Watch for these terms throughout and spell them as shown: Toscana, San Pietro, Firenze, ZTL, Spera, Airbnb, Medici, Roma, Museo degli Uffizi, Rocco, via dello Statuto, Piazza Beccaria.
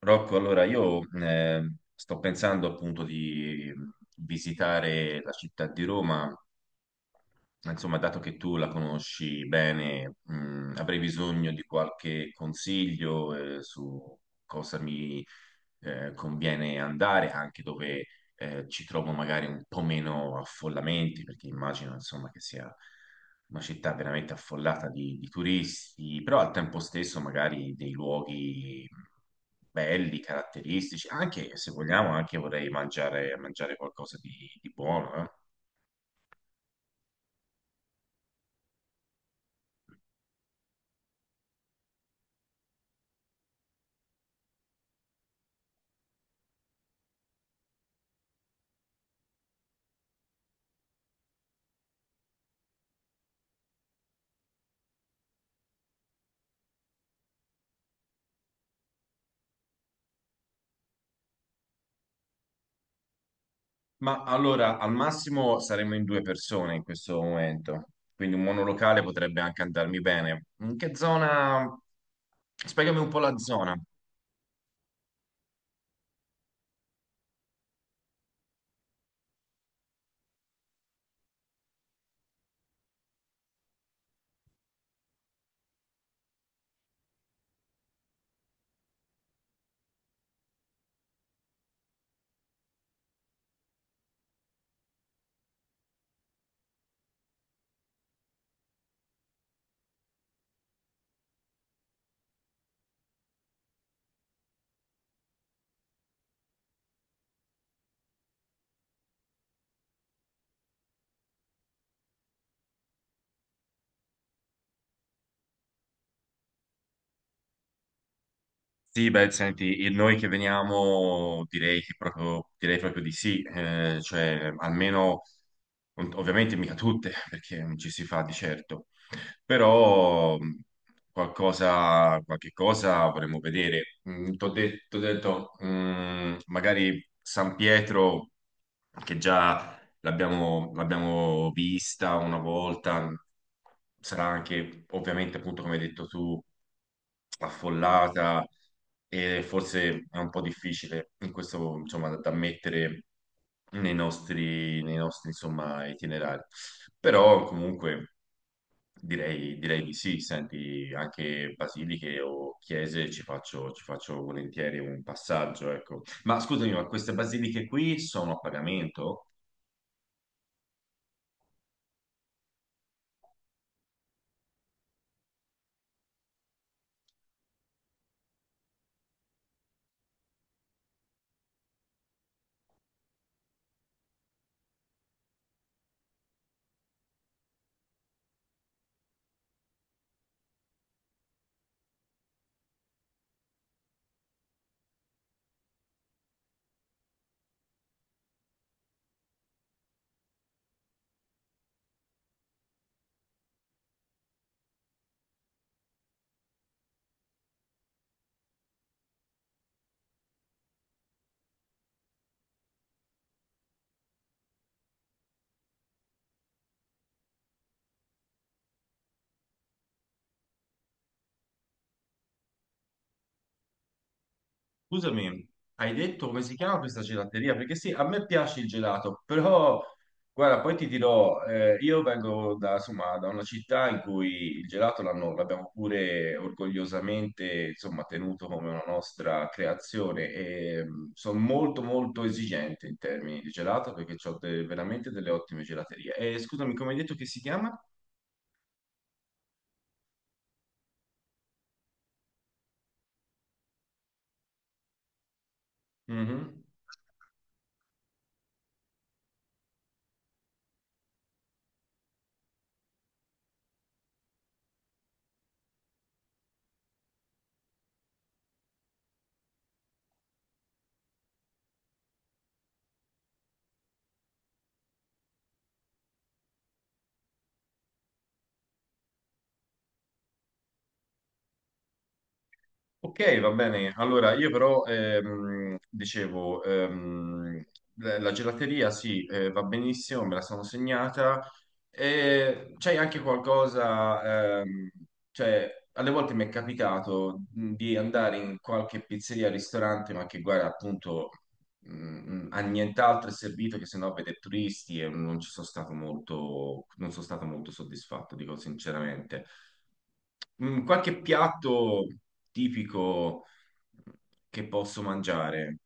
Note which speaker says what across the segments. Speaker 1: Rocco, allora io sto pensando appunto di visitare la città di Roma, insomma, dato che tu la conosci bene, avrei bisogno di qualche consiglio su cosa mi conviene andare anche dove ci trovo magari un po' meno affollamenti, perché immagino insomma che sia una città veramente affollata di turisti, però al tempo stesso magari dei luoghi belli, caratteristici, anche se vogliamo, anche vorrei mangiare qualcosa di buono, eh. Ma allora, al massimo saremo in due persone in questo momento, quindi un monolocale potrebbe anche andarmi bene. In che zona? Spiegami un po' la zona. Sì, beh, senti, noi che veniamo direi che proprio, direi proprio di sì, cioè almeno, ovviamente mica tutte, perché non ci si fa di certo, però qualcosa, qualche cosa vorremmo vedere. T'ho detto, magari San Pietro, che già l'abbiamo vista una volta, sarà anche ovviamente appunto come hai detto tu affollata e forse è un po' difficile in questo insomma da mettere nei nostri insomma itinerari. Però comunque direi di sì, senti anche basiliche o chiese ci faccio volentieri un passaggio, ecco. Ma scusami, ma queste basiliche qui sono a pagamento? Scusami, hai detto come si chiama questa gelateria? Perché sì, a me piace il gelato, però guarda, poi ti dirò, io vengo insomma, da una città in cui il gelato l'abbiamo pure orgogliosamente, insomma, tenuto come una nostra creazione e sono molto molto esigente in termini di gelato perché ho veramente delle ottime gelaterie. E scusami, come hai detto che si chiama? Mhm. Ok, va bene. Allora, io però dicevo, la gelateria sì, va benissimo, me la sono segnata. E c'è anche qualcosa, cioè, alle volte mi è capitato di andare in qualche pizzeria, ristorante, ma che guarda, appunto, a nient'altro è servito che se no vede turisti e non ci sono stato molto, non sono stato molto soddisfatto, dico sinceramente. Qualche piatto tipico che posso mangiare?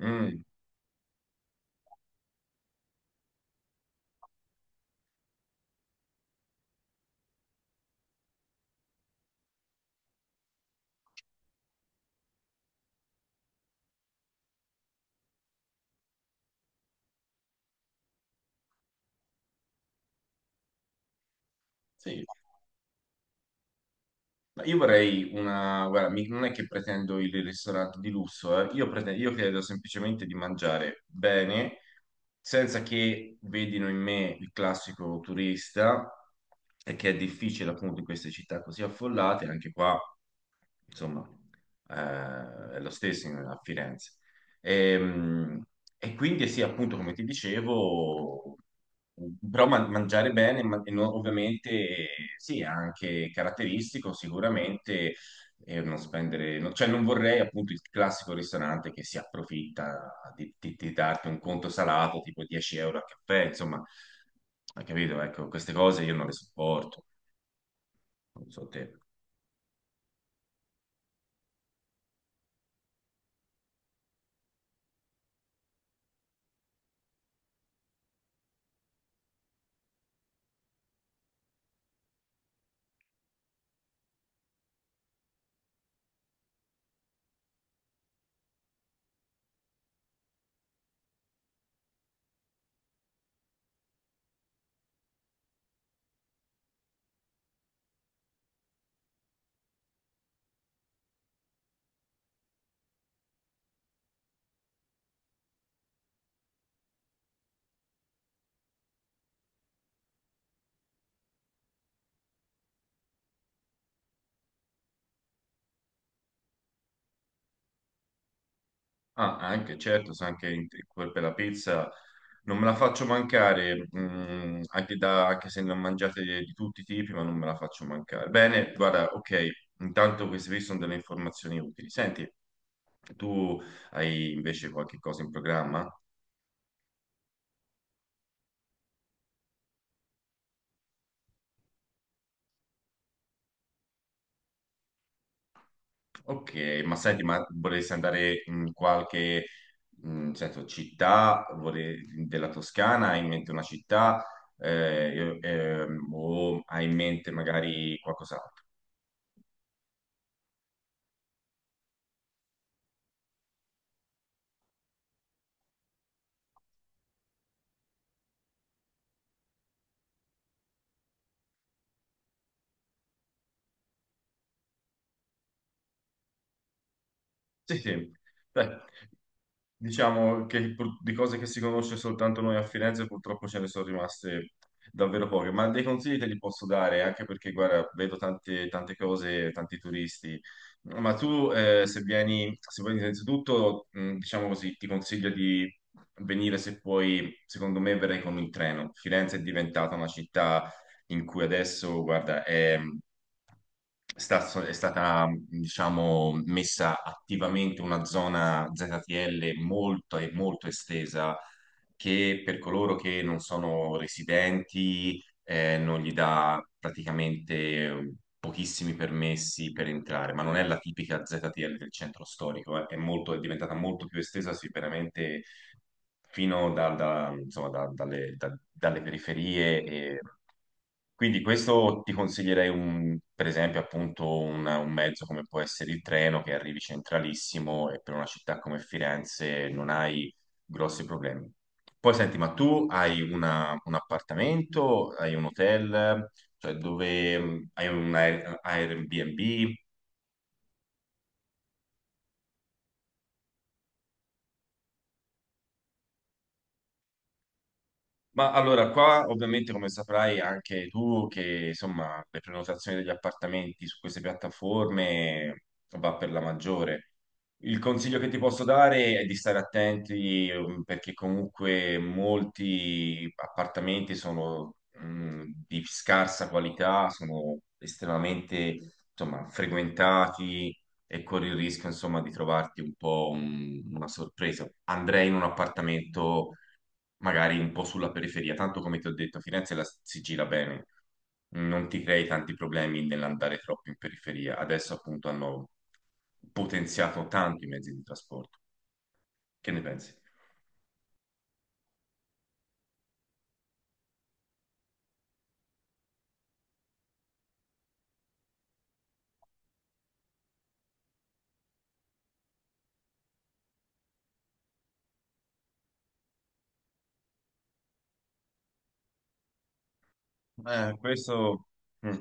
Speaker 1: Mm, sì. Ma io vorrei una. Guarda, non è che pretendo il ristorante di lusso, eh. Io credo semplicemente di mangiare bene, senza che vedino in me il classico turista, e che è difficile appunto in queste città così affollate, anche qua insomma, è lo stesso a Firenze. E, mm, e quindi sì, appunto, come ti dicevo, però mangiare bene, ovviamente, sì, è anche caratteristico, sicuramente, e non spendere, cioè non vorrei appunto il classico ristorante che si approfitta di darti un conto salato tipo 10 euro a caffè, insomma, hai capito? Ecco, queste cose io non le sopporto, non so te. Ah, anche, certo, sa anche per la pizza non me la faccio mancare, anche, anche se ne ho mangiate di tutti i tipi, ma non me la faccio mancare. Bene, guarda, ok, intanto queste qui sono delle informazioni utili. Senti, tu hai invece qualche cosa in programma? Ok, ma senti, ma vorresti andare in qualche, senso, città della Toscana? Hai in mente una città? O hai in mente magari qualcos'altro? Sì, sì. Beh, diciamo che di cose che si conosce soltanto noi a Firenze purtroppo ce ne sono rimaste davvero poche, ma dei consigli te li posso dare, anche perché, guarda, vedo tante, tante cose, tanti turisti, ma tu se vieni innanzitutto, diciamo così, ti consiglio di venire se puoi, secondo me verrai con il treno. Firenze è diventata una città in cui adesso, guarda, è stata, diciamo, messa attivamente una zona ZTL molto e molto estesa che per coloro che non sono residenti non gli dà praticamente eh, pochissimi permessi per entrare, ma non è la tipica ZTL del centro storico, eh. È è diventata molto più estesa sicuramente fino insomma, dalle periferie. E. Quindi questo ti consiglierei, per esempio, appunto un mezzo come può essere il treno, che arrivi centralissimo e per una città come Firenze non hai grossi problemi. Poi senti, ma tu hai un appartamento, hai un hotel, cioè dove hai un Airbnb? Ma allora, qua ovviamente come saprai anche tu che insomma le prenotazioni degli appartamenti su queste piattaforme va per la maggiore. Il consiglio che ti posso dare è di stare attenti perché comunque molti appartamenti sono di scarsa qualità, sono estremamente insomma, frequentati e corri il rischio insomma, di trovarti un po' una sorpresa. Andrei in un appartamento magari un po' sulla periferia, tanto come ti ho detto, Firenze la si gira bene, non ti crei tanti problemi nell'andare troppo in periferia. Adesso appunto hanno potenziato tanto i mezzi di trasporto. Che ne pensi? Questo, mm.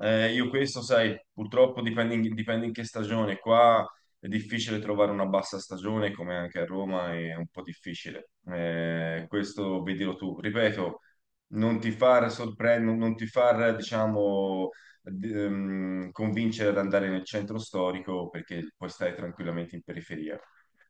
Speaker 1: Io questo, sai, purtroppo dipende in che stagione. Qua è difficile trovare una bassa stagione, come anche a Roma è un po' difficile. Questo vedilo tu. Ripeto, non ti far sorprendere, non ti far, diciamo, convincere ad andare nel centro storico perché puoi stare tranquillamente in periferia.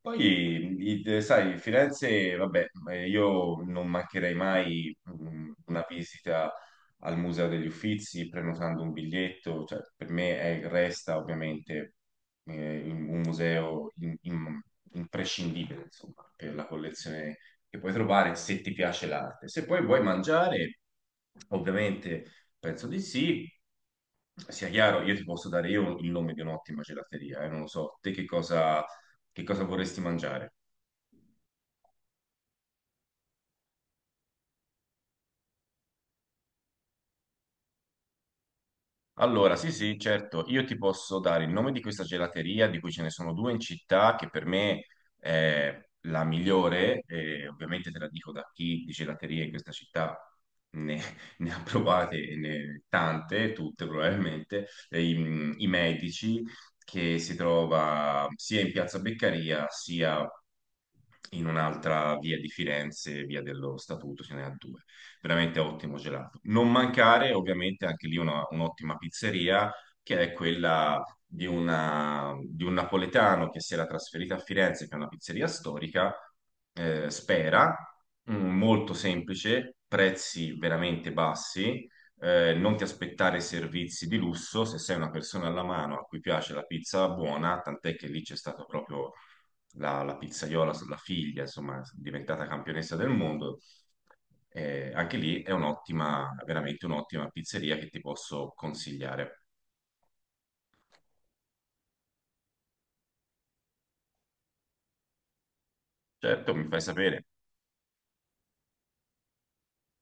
Speaker 1: Poi, sai, Firenze, vabbè, io non mancherei mai una visita al Museo degli Uffizi prenotando un biglietto, cioè, per me resta ovviamente un museo imprescindibile, insomma, per la collezione che puoi trovare se ti piace l'arte. Se poi vuoi mangiare, ovviamente penso di sì. Sia chiaro, io ti posso dare io il nome di un'ottima gelateria, non lo so, te che cosa vorresti mangiare? Allora, sì, sì, certo, io ti posso dare il nome di questa gelateria, di cui ce ne sono due in città, che per me è la migliore, e ovviamente te la dico da chi di gelaterie in questa città ne, ne ha provate e tante, tutte probabilmente, e i Medici, che si trova sia in Piazza Beccaria, sia in un'altra via di Firenze, via dello Statuto, ce ne ha due. Veramente ottimo gelato. Non mancare ovviamente anche lì un'ottima pizzeria che è quella di un napoletano che si era trasferito a Firenze, che è una pizzeria storica, Spera, molto semplice, prezzi veramente bassi. Non ti aspettare servizi di lusso se sei una persona alla mano a cui piace la pizza buona, tant'è che lì c'è stato proprio la pizzaiola, la figlia, insomma, diventata campionessa del mondo. Anche lì è un'ottima, veramente un'ottima pizzeria che ti posso consigliare. Certo, mi fai sapere.